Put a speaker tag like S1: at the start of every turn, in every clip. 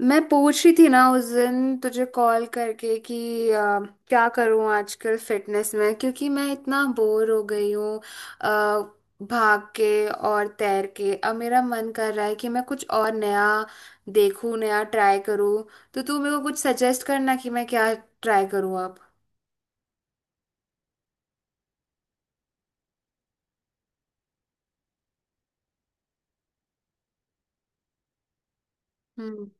S1: मैं पूछ रही थी ना उस दिन तुझे कॉल करके कि अ, क्या करूं आजकल फिटनेस में, क्योंकि मैं इतना बोर हो गई हूँ। अ, भाग के और तैर के अब मेरा मन कर रहा है कि मैं कुछ और नया देखूं, नया ट्राई करूं। तो तू मेरे को कुछ सजेस्ट करना कि मैं क्या ट्राई करूं अब। हम्म।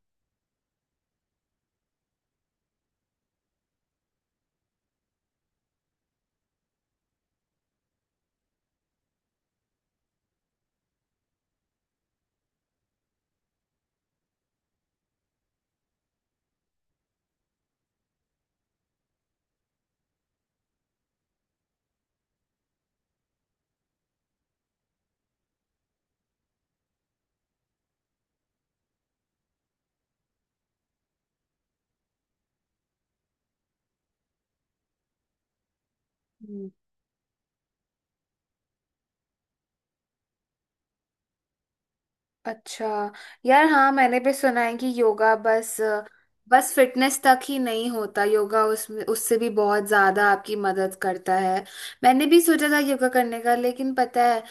S1: अच्छा। यार हाँ, मैंने भी सुना है कि योगा बस बस फिटनेस तक ही नहीं होता, योगा उसमें उससे भी बहुत ज्यादा आपकी मदद करता है। मैंने भी सोचा था योगा करने का, लेकिन पता है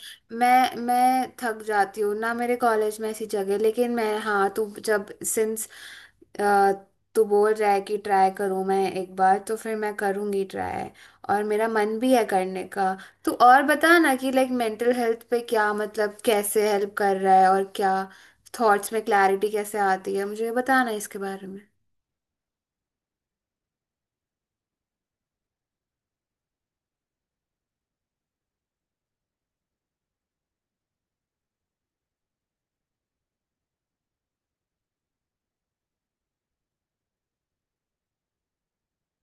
S1: मैं थक जाती हूँ ना मेरे कॉलेज में ऐसी जगह। लेकिन मैं, हाँ, तू जब सिंस तू बोल रहा है कि ट्राई करूँ मैं एक बार, तो फिर मैं करूँगी ट्राई, और मेरा मन भी है करने का। तो और बता ना कि लाइक मेंटल हेल्थ पे क्या मतलब कैसे हेल्प कर रहा है, और क्या थॉट्स में क्लैरिटी कैसे आती है, मुझे बताना इसके बारे में।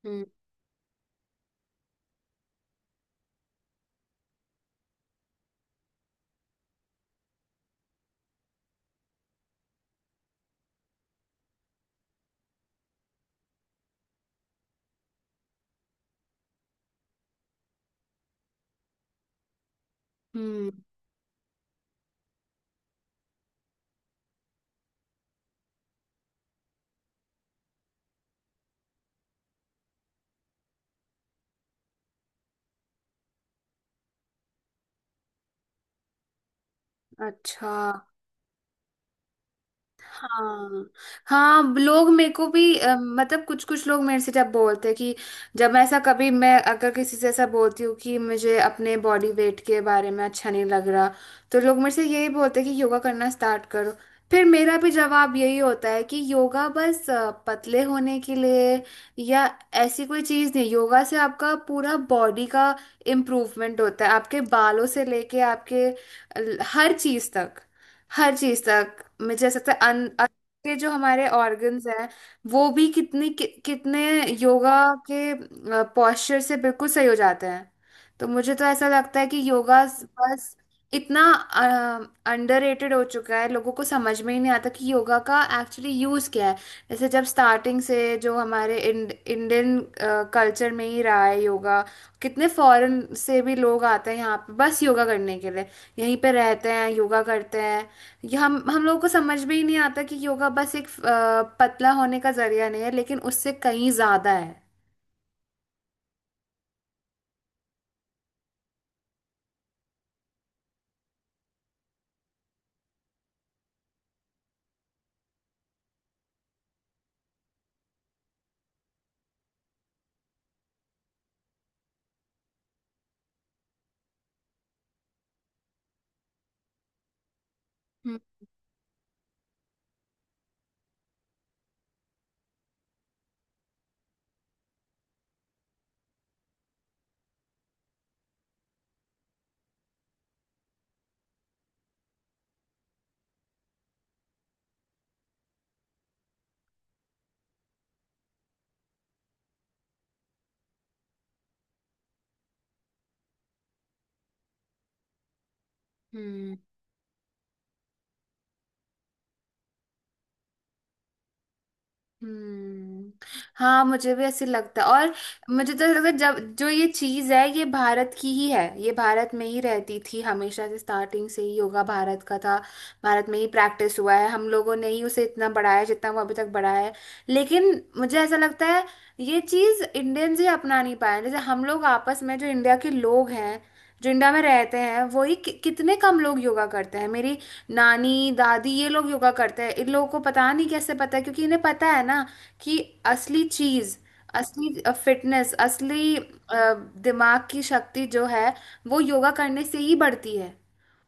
S1: हम्म। हम्म। अच्छा। हाँ हाँ, लोग मेरे को भी मतलब कुछ कुछ लोग मेरे से जब बोलते हैं कि, जब ऐसा कभी मैं अगर किसी से ऐसा बोलती हूँ कि मुझे अपने बॉडी वेट के बारे में अच्छा नहीं लग रहा, तो लोग मेरे से यही बोलते हैं कि योगा करना स्टार्ट करो। फिर मेरा भी जवाब यही होता है कि योगा बस पतले होने के लिए या ऐसी कोई चीज़ नहीं, योगा से आपका पूरा बॉडी का इम्प्रूवमेंट होता है, आपके बालों से लेके आपके हर चीज़ तक, हर चीज तक मुझे ऐसा लगता है। अन, अन, के जो हमारे ऑर्गन्स हैं वो भी कितनी कितने योगा के पोस्चर से बिल्कुल सही हो जाते हैं। तो मुझे तो ऐसा लगता है कि योगा बस इतना अंडररेटेड हो चुका है, लोगों को समझ में ही नहीं आता कि योगा का एक्चुअली यूज़ क्या है। जैसे जब स्टार्टिंग से जो हमारे इंडियन कल्चर में ही रहा है योगा, कितने फॉरेन से भी लोग आते हैं यहाँ पे बस योगा करने के लिए, यहीं पे रहते हैं, योगा करते हैं। ये हम लोगों को समझ में ही नहीं आता कि योगा बस एक पतला होने का जरिया नहीं है, लेकिन उससे कहीं ज्यादा है। हम्म। हम्म। हाँ, मुझे भी ऐसे लगता है। और मुझे तो ऐसा लगता है, जब जो ये चीज है ये भारत की ही है, ये भारत में ही रहती थी हमेशा से, स्टार्टिंग से ही योगा भारत का था, भारत में ही प्रैक्टिस हुआ है, हम लोगों ने ही उसे इतना बढ़ाया जितना वो अभी तक बढ़ाया है। लेकिन मुझे ऐसा लगता है ये चीज इंडियंस ही अपना नहीं पाए। जैसे हम लोग आपस में जो इंडिया के लोग हैं, जो इंडिया में रहते हैं वही कितने कम लोग योगा करते हैं। मेरी नानी दादी ये लोग योगा करते हैं, इन लोगों को पता नहीं कैसे पता है, क्योंकि इन्हें पता है ना कि असली चीज, असली फिटनेस, असली दिमाग की शक्ति जो है वो योगा करने से ही बढ़ती है।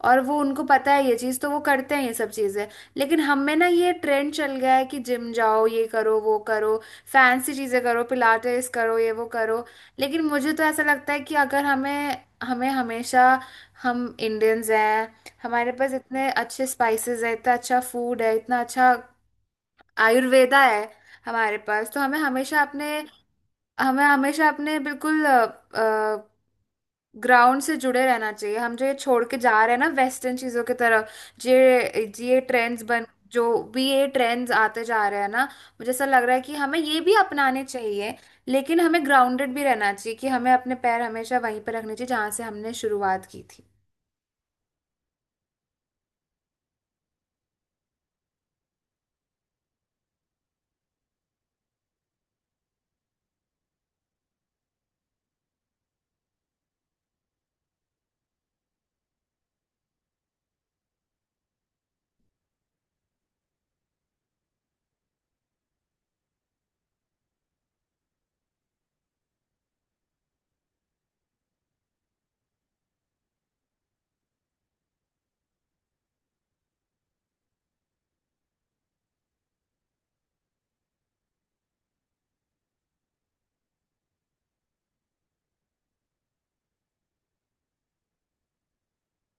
S1: और वो उनको पता है ये चीज़, तो वो करते हैं ये सब चीज़ें। लेकिन हम में ना ये ट्रेंड चल गया है कि जिम जाओ, ये करो वो करो, फैंसी चीज़ें करो, पिलाटेस करो, ये वो करो। लेकिन मुझे तो ऐसा लगता है कि अगर हमें हमें हमेशा, हम इंडियंस हैं, हमारे पास इतने अच्छे स्पाइसेस है, इतना अच्छा फूड है, इतना अच्छा आयुर्वेदा है हमारे पास, तो हमें हमेशा अपने बिल्कुल ग्राउंड से जुड़े रहना चाहिए। हम जो ये छोड़ के जा रहे हैं ना वेस्टर्न चीज़ों की तरफ, जे ये ट्रेंड्स बन जो भी ये ट्रेंड्स आते जा रहे हैं ना, मुझे ऐसा लग रहा है कि हमें ये भी अपनाने चाहिए, लेकिन हमें ग्राउंडेड भी रहना चाहिए कि हमें अपने पैर हमेशा वहीं पर रखने चाहिए जहाँ से हमने शुरुआत की थी।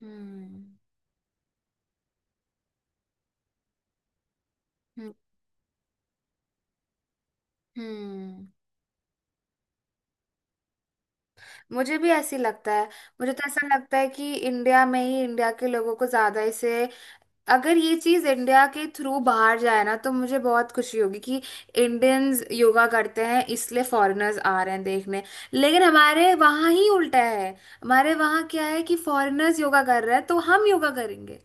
S1: हम्म। हम्म। हम्म। मुझे भी ऐसी लगता है। मुझे तो ऐसा लगता है कि इंडिया में ही इंडिया के लोगों को ज्यादा इसे, अगर ये चीज इंडिया के थ्रू बाहर जाए ना तो मुझे बहुत खुशी होगी कि इंडियंस योगा करते हैं इसलिए फॉरेनर्स आ रहे हैं देखने। लेकिन हमारे वहाँ ही उल्टा है, हमारे वहाँ क्या है कि फॉरेनर्स योगा कर रहे हैं तो हम योगा करेंगे।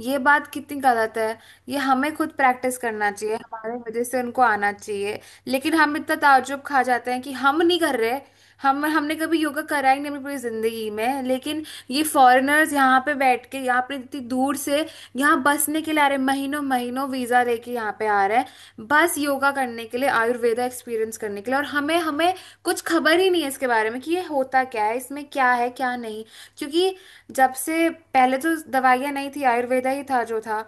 S1: ये बात कितनी गलत है। ये हमें खुद प्रैक्टिस करना चाहिए, हमारे वजह से उनको आना चाहिए। लेकिन हम इतना ताज्जुब खा जाते हैं कि हम नहीं कर रहे, हम हमने कभी योगा करा ही नहीं अपनी पूरी जिंदगी में, लेकिन ये फॉरेनर्स यहाँ पे बैठ के, यहाँ पे इतनी दूर से यहाँ बसने के लिए आ रहे हैं, महीनों महीनों वीजा लेके यहाँ पे आ रहे हैं बस योगा करने के लिए, आयुर्वेदा एक्सपीरियंस करने के लिए, और हमें हमें कुछ खबर ही नहीं है इसके बारे में कि ये होता क्या है, इसमें क्या है क्या नहीं। क्योंकि जब से पहले तो दवाइयाँ नहीं थी, आयुर्वेदा ही था जो था,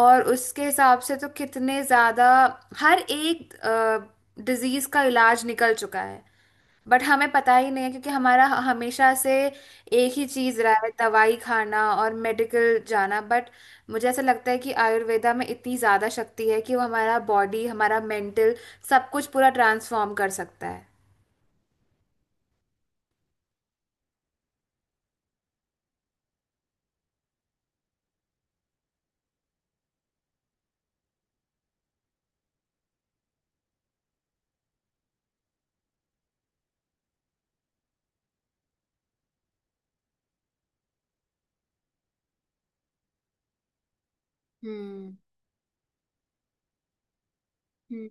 S1: और उसके हिसाब से तो कितने ज़्यादा हर एक डिजीज का इलाज निकल चुका है। बट हमें पता ही नहीं है, क्योंकि हमारा हमेशा से एक ही चीज रहा है, दवाई खाना और मेडिकल जाना। बट मुझे ऐसा लगता है कि आयुर्वेदा में इतनी ज्यादा शक्ति है कि वो हमारा बॉडी, हमारा मेंटल, सब कुछ पूरा ट्रांसफॉर्म कर सकता है। हम्म। हम्म।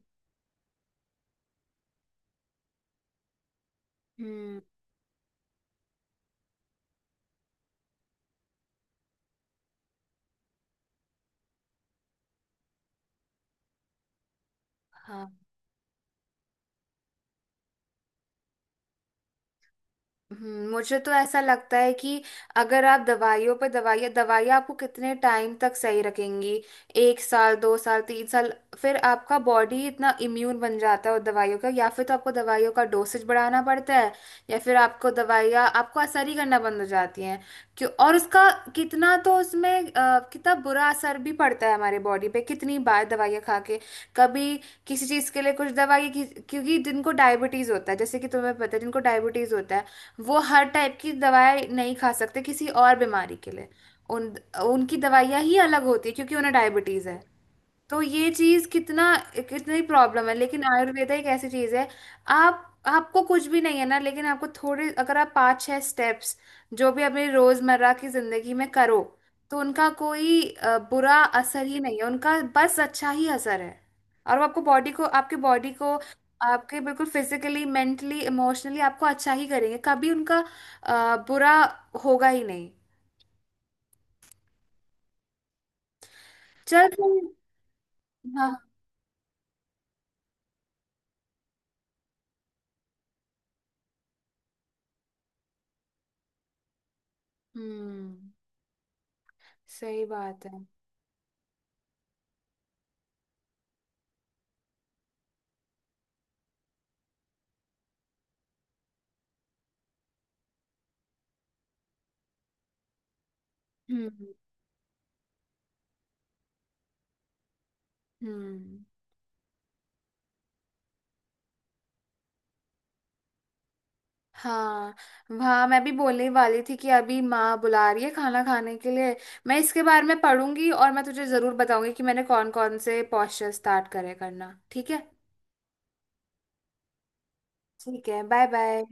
S1: हम्म। हाँ। मुझे तो ऐसा लगता है कि अगर आप दवाइयों पर दवाइयाँ, आपको कितने टाइम तक सही रखेंगी? एक साल, दो साल, तीन साल, फिर आपका बॉडी इतना इम्यून बन जाता है उन दवाइयों का, या फिर तो आपको दवाइयों का डोसेज बढ़ाना पड़ता है, या फिर आपको दवाइयाँ आपको असर ही करना बंद हो जाती हैं। क्यों? और उसका कितना, तो उसमें कितना बुरा असर भी पड़ता है हमारे बॉडी पे कितनी बार दवाइयाँ खा के, कभी किसी चीज़ के लिए कुछ दवाई क्योंकि जिनको डायबिटीज़ होता है, जैसे कि तुम्हें पता है जिनको डायबिटीज़ होता है वो हर टाइप की दवाएं नहीं खा सकते किसी और बीमारी के लिए। उन उनकी दवाइयाँ ही अलग होती है क्योंकि उन्हें डायबिटीज है। तो ये चीज कितना, कितनी प्रॉब्लम है। लेकिन आयुर्वेदा एक ऐसी चीज है, आप आपको कुछ भी नहीं है ना, लेकिन आपको थोड़े अगर आप पाँच छह स्टेप्स जो भी अपनी रोजमर्रा की जिंदगी में करो, तो उनका कोई बुरा असर ही नहीं है, उनका बस अच्छा ही असर है। और वो आपको बॉडी को, आपके बिल्कुल फिजिकली, मेंटली, इमोशनली आपको अच्छा ही करेंगे, कभी उनका बुरा होगा ही नहीं। चल फिर- हाँ। हम्म, सही बात है। हम्म। हम्म। हाँ, वहाँ मैं भी बोलने ही वाली थी कि अभी माँ बुला रही है खाना खाने के लिए। मैं इसके बारे में पढ़ूंगी और मैं तुझे ज़रूर बताऊंगी कि मैंने कौन कौन से पॉस्चर स्टार्ट करे करना। ठीक है। ठीक है, बाय बाय।